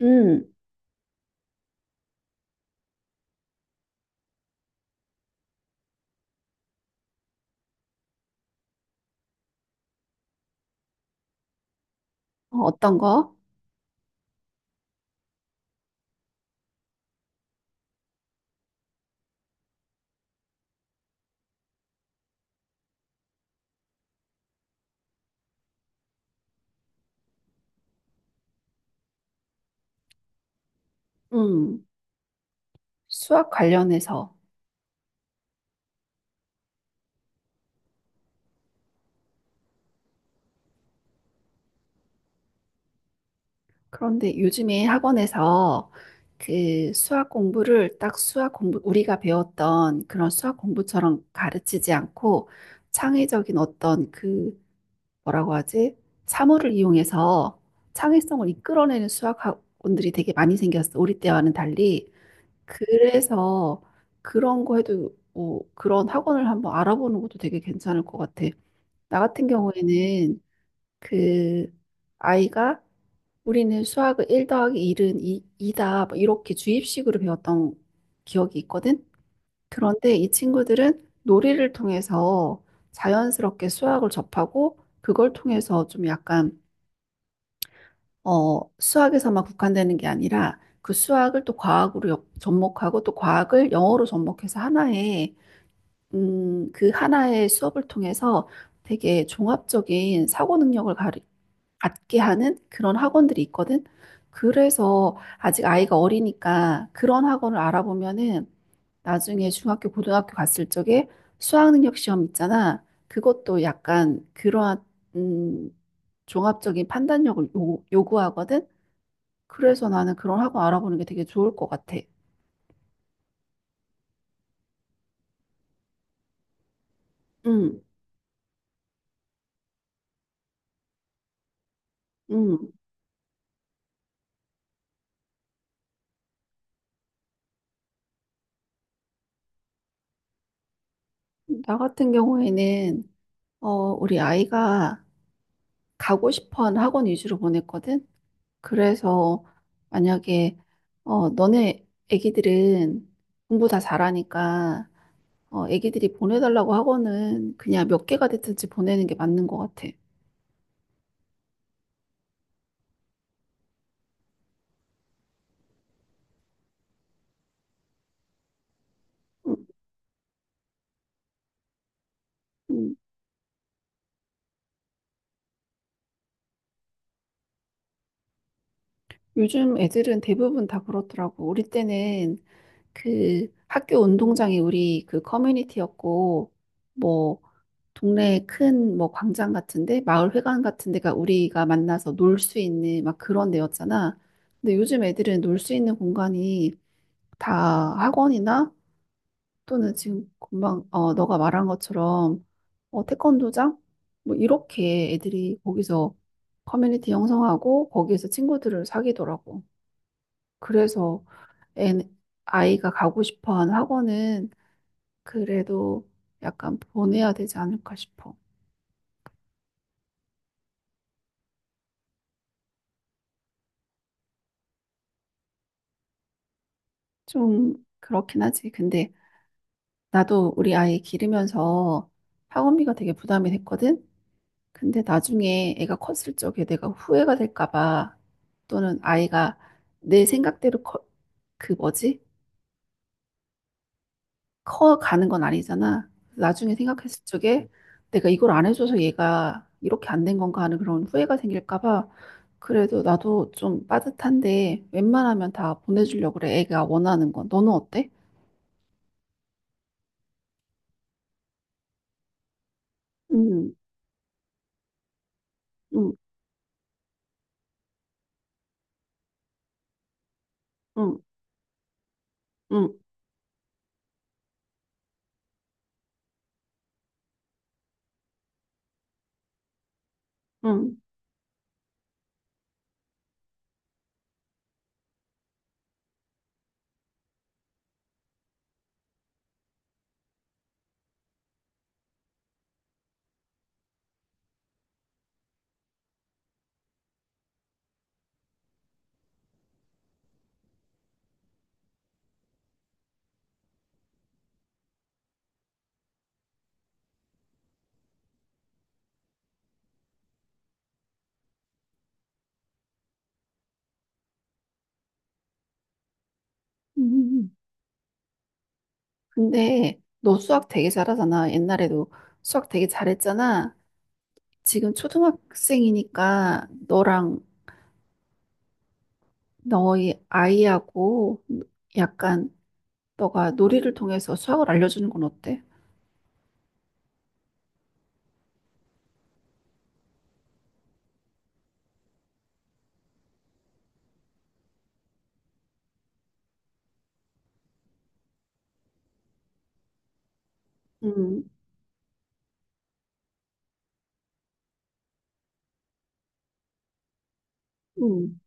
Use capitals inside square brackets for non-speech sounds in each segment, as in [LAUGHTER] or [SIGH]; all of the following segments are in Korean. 음. 어떤 거? 음, 수학 관련해서. 그런데 요즘에 학원에서 그 수학 공부를 딱 수학 공부, 우리가 배웠던 그런 수학 공부처럼 가르치지 않고 창의적인 어떤 그, 뭐라고 하지? 사물을 이용해서 창의성을 이끌어내는 수학 학원들이 되게 많이 생겼어. 우리 때와는 달리. 그래서 그런 거 해도, 그런 학원을 한번 알아보는 것도 되게 괜찮을 것 같아. 나 같은 경우에는 그 아이가 우리는 수학을 1 더하기 일은 2, 이다 뭐 이렇게 주입식으로 배웠던 기억이 있거든. 그런데 이 친구들은 놀이를 통해서 자연스럽게 수학을 접하고 그걸 통해서 좀 약간 수학에서만 국한되는 게 아니라 그 수학을 또 과학으로 접목하고 또 과학을 영어로 접목해서 하나의 그 하나의 수업을 통해서 되게 종합적인 사고 능력을 갖게 하는 그런 학원들이 있거든. 그래서 아직 아이가 어리니까 그런 학원을 알아보면은 나중에 중학교, 고등학교 갔을 적에 수학능력 시험 있잖아. 그것도 약간 그러한 음, 종합적인 판단력을 요구하거든. 그래서 나는 그런 학원 알아보는 게 되게 좋을 것 같아. 음. 음. 나 같은 경우에는 어, 우리 아이가 가고 싶어 하는 학원 위주로 보냈거든. 그래서 만약에 너네 애기들은 공부 다 잘하니까 애기들이 보내달라고 하고는 그냥 몇 개가 됐든지 보내는 게 맞는 것 같아. 음. 음. 요즘 애들은 대부분 다 그렇더라고. 우리 때는 그 학교 운동장이 우리 그 커뮤니티였고 뭐 동네 큰 뭐 광장 같은데 마을 회관 같은 데가 우리가 만나서 놀 수 있는 막 그런 데였잖아. 근데 요즘 애들은 놀 수 있는 공간이 다 학원이나 또는 지금 금방 너가 말한 것처럼 태권도장 뭐 이렇게 애들이 거기서 커뮤니티 형성하고 거기에서 친구들을 사귀더라고. 그래서 애 아이가 가고 싶어하는 학원은 그래도 약간 보내야 되지 않을까 싶어. 좀 그렇긴 하지. 근데 나도 우리 아이 기르면서 학원비가 되게 부담이 됐거든. 근데 나중에 애가 컸을 적에 내가 후회가 될까 봐 또는 아이가 내 생각대로 커, 그 뭐지? 커 가는 건 아니잖아. 나중에 생각했을 적에 내가 이걸 안 해줘서 얘가 이렇게 안 된 건가 하는 그런 후회가 생길까 봐 그래도 나도 좀 빠듯한데 웬만하면 다 보내주려고 그래. 애가 원하는 건. 너는 어때? 음. 음. 음. 음. 음. 음. [LAUGHS] 근데 너 수학 되게 잘하잖아. 옛날에도 수학 되게 잘했잖아. 지금 초등학생이니까 너랑 너희 아이하고 약간 너가 놀이를 통해서 수학을 알려주는 건 어때? 음. 음.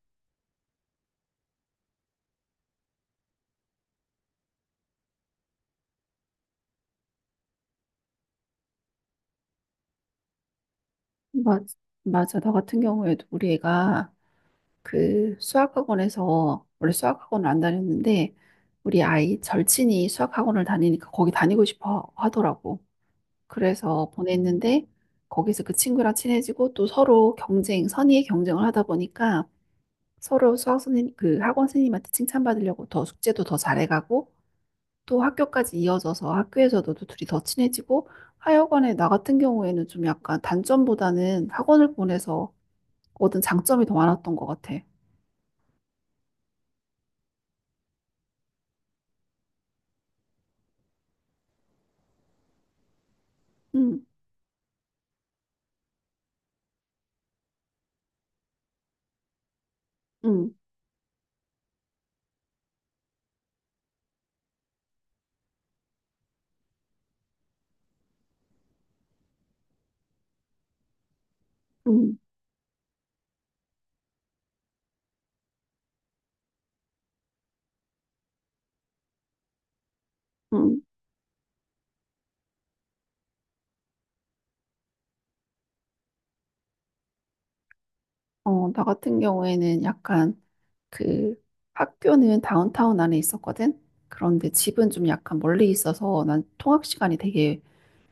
맞, 맞아. 나 같은 경우에도 우리 애가 그 수학학원에서 원래 수학학원을 안 다녔는데 우리 아이 절친이 수학학원을 다니니까 거기 다니고 싶어 하더라고. 그래서 보냈는데 거기서 그 친구랑 친해지고 또 서로 경쟁, 선의의 경쟁을 하다 보니까 서로 수학 선생님, 그 학원 선생님한테 칭찬받으려고 더 숙제도 더 잘해가고 또 학교까지 이어져서 학교에서도 또 둘이 더 친해지고 하여간에 나 같은 경우에는 좀 약간 단점보다는 학원을 보내서 얻은 장점이 더 많았던 것 같아. 응. 응. 응. 응. 나 같은 경우에는 약간 그 학교는 다운타운 안에 있었거든. 그런데 집은 좀 약간 멀리 있어서 난 통학 시간이 되게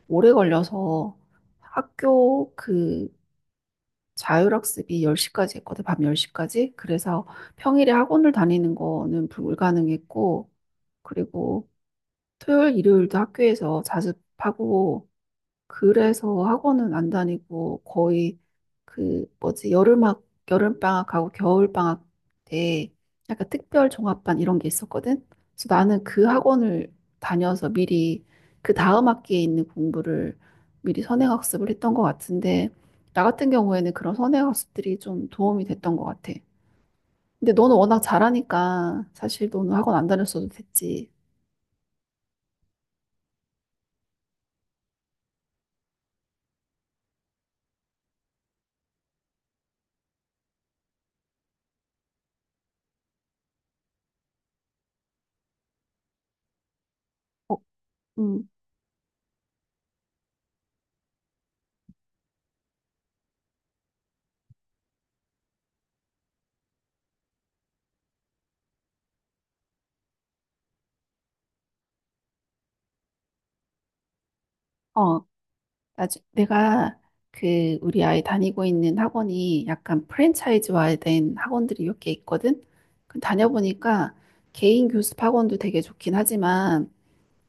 오래 걸려서 학교 그 자율학습이 10시까지 했거든, 밤 10시까지 그래서 평일에 학원을 다니는 거는 불가능했고, 그리고 토요일, 일요일도 학교에서 자습하고, 그래서 학원은 안 다니고 거의 그 뭐지 여름학 여름방학하고 겨울방학 때 약간 특별 종합반 이런 게 있었거든. 그래서 나는 그 학원을 다녀서 미리 그 다음 학기에 있는 공부를 미리 선행학습을 했던 것 같은데 나 같은 경우에는 그런 선행학습들이 좀 도움이 됐던 것 같아. 근데 너는 워낙 잘하니까 사실 너는 학원 안 다녔어도 됐지. 어. 음. 어. 아, 내가 그 우리 아이 다니고 있는 학원이 약간 프랜차이즈화된 학원들이 몇 개 있거든. 그 다녀보니까 개인 교습 학원도 되게 좋긴 하지만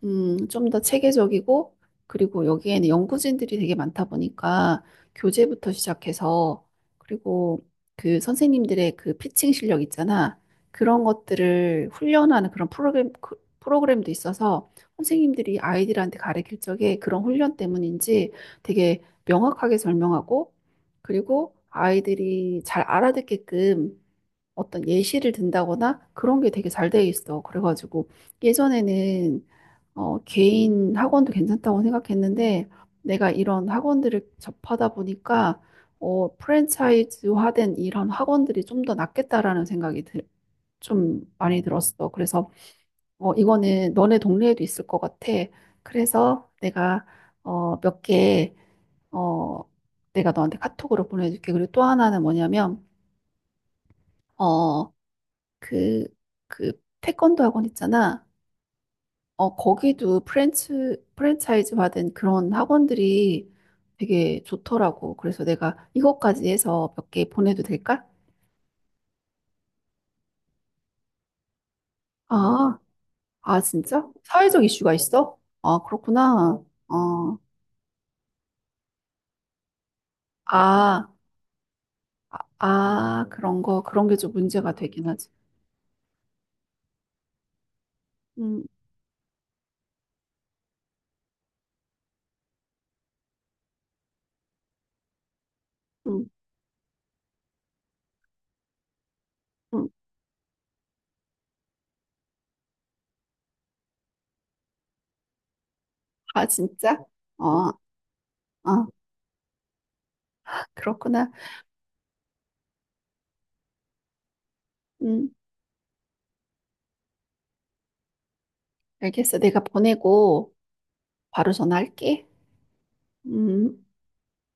좀 더 체계적이고, 그리고 여기에는 연구진들이 되게 많다 보니까 교재부터 시작해서, 그리고 그 선생님들의 그 피칭 실력 있잖아. 그런 것들을 훈련하는 그런 프로그램, 프로그램도 있어서 선생님들이 아이들한테 가르칠 적에 그런 훈련 때문인지 되게 명확하게 설명하고, 그리고 아이들이 잘 알아듣게끔 어떤 예시를 든다거나 그런 게 되게 잘 돼 있어. 그래가지고 예전에는 개인 학원도 괜찮다고 생각했는데, 내가 이런 학원들을 접하다 보니까, 프랜차이즈화된 이런 학원들이 좀 더 낫겠다라는 생각이 들, 좀 많이 들었어. 그래서, 이거는 너네 동네에도 있을 것 같아. 그래서 내가, 몇 개, 어, 내가 너한테 카톡으로 보내줄게. 그리고 또 하나는 뭐냐면, 어, 그, 그, 태권도 학원 있잖아. 거기도 프랜차이즈 받은 그런 학원들이 되게 좋더라고. 그래서 내가 이것까지 해서 몇 개 보내도 될까? 아, 아, 진짜? 사회적 이슈가 있어? 아, 그렇구나. 어, 아, 아, 그런 게 좀 문제가 되긴 하지. 음. 음. 음. 아, 진짜? 어, 어, 그렇구나. 음, 알겠어. 내가 보내고 바로 전화할게. 음.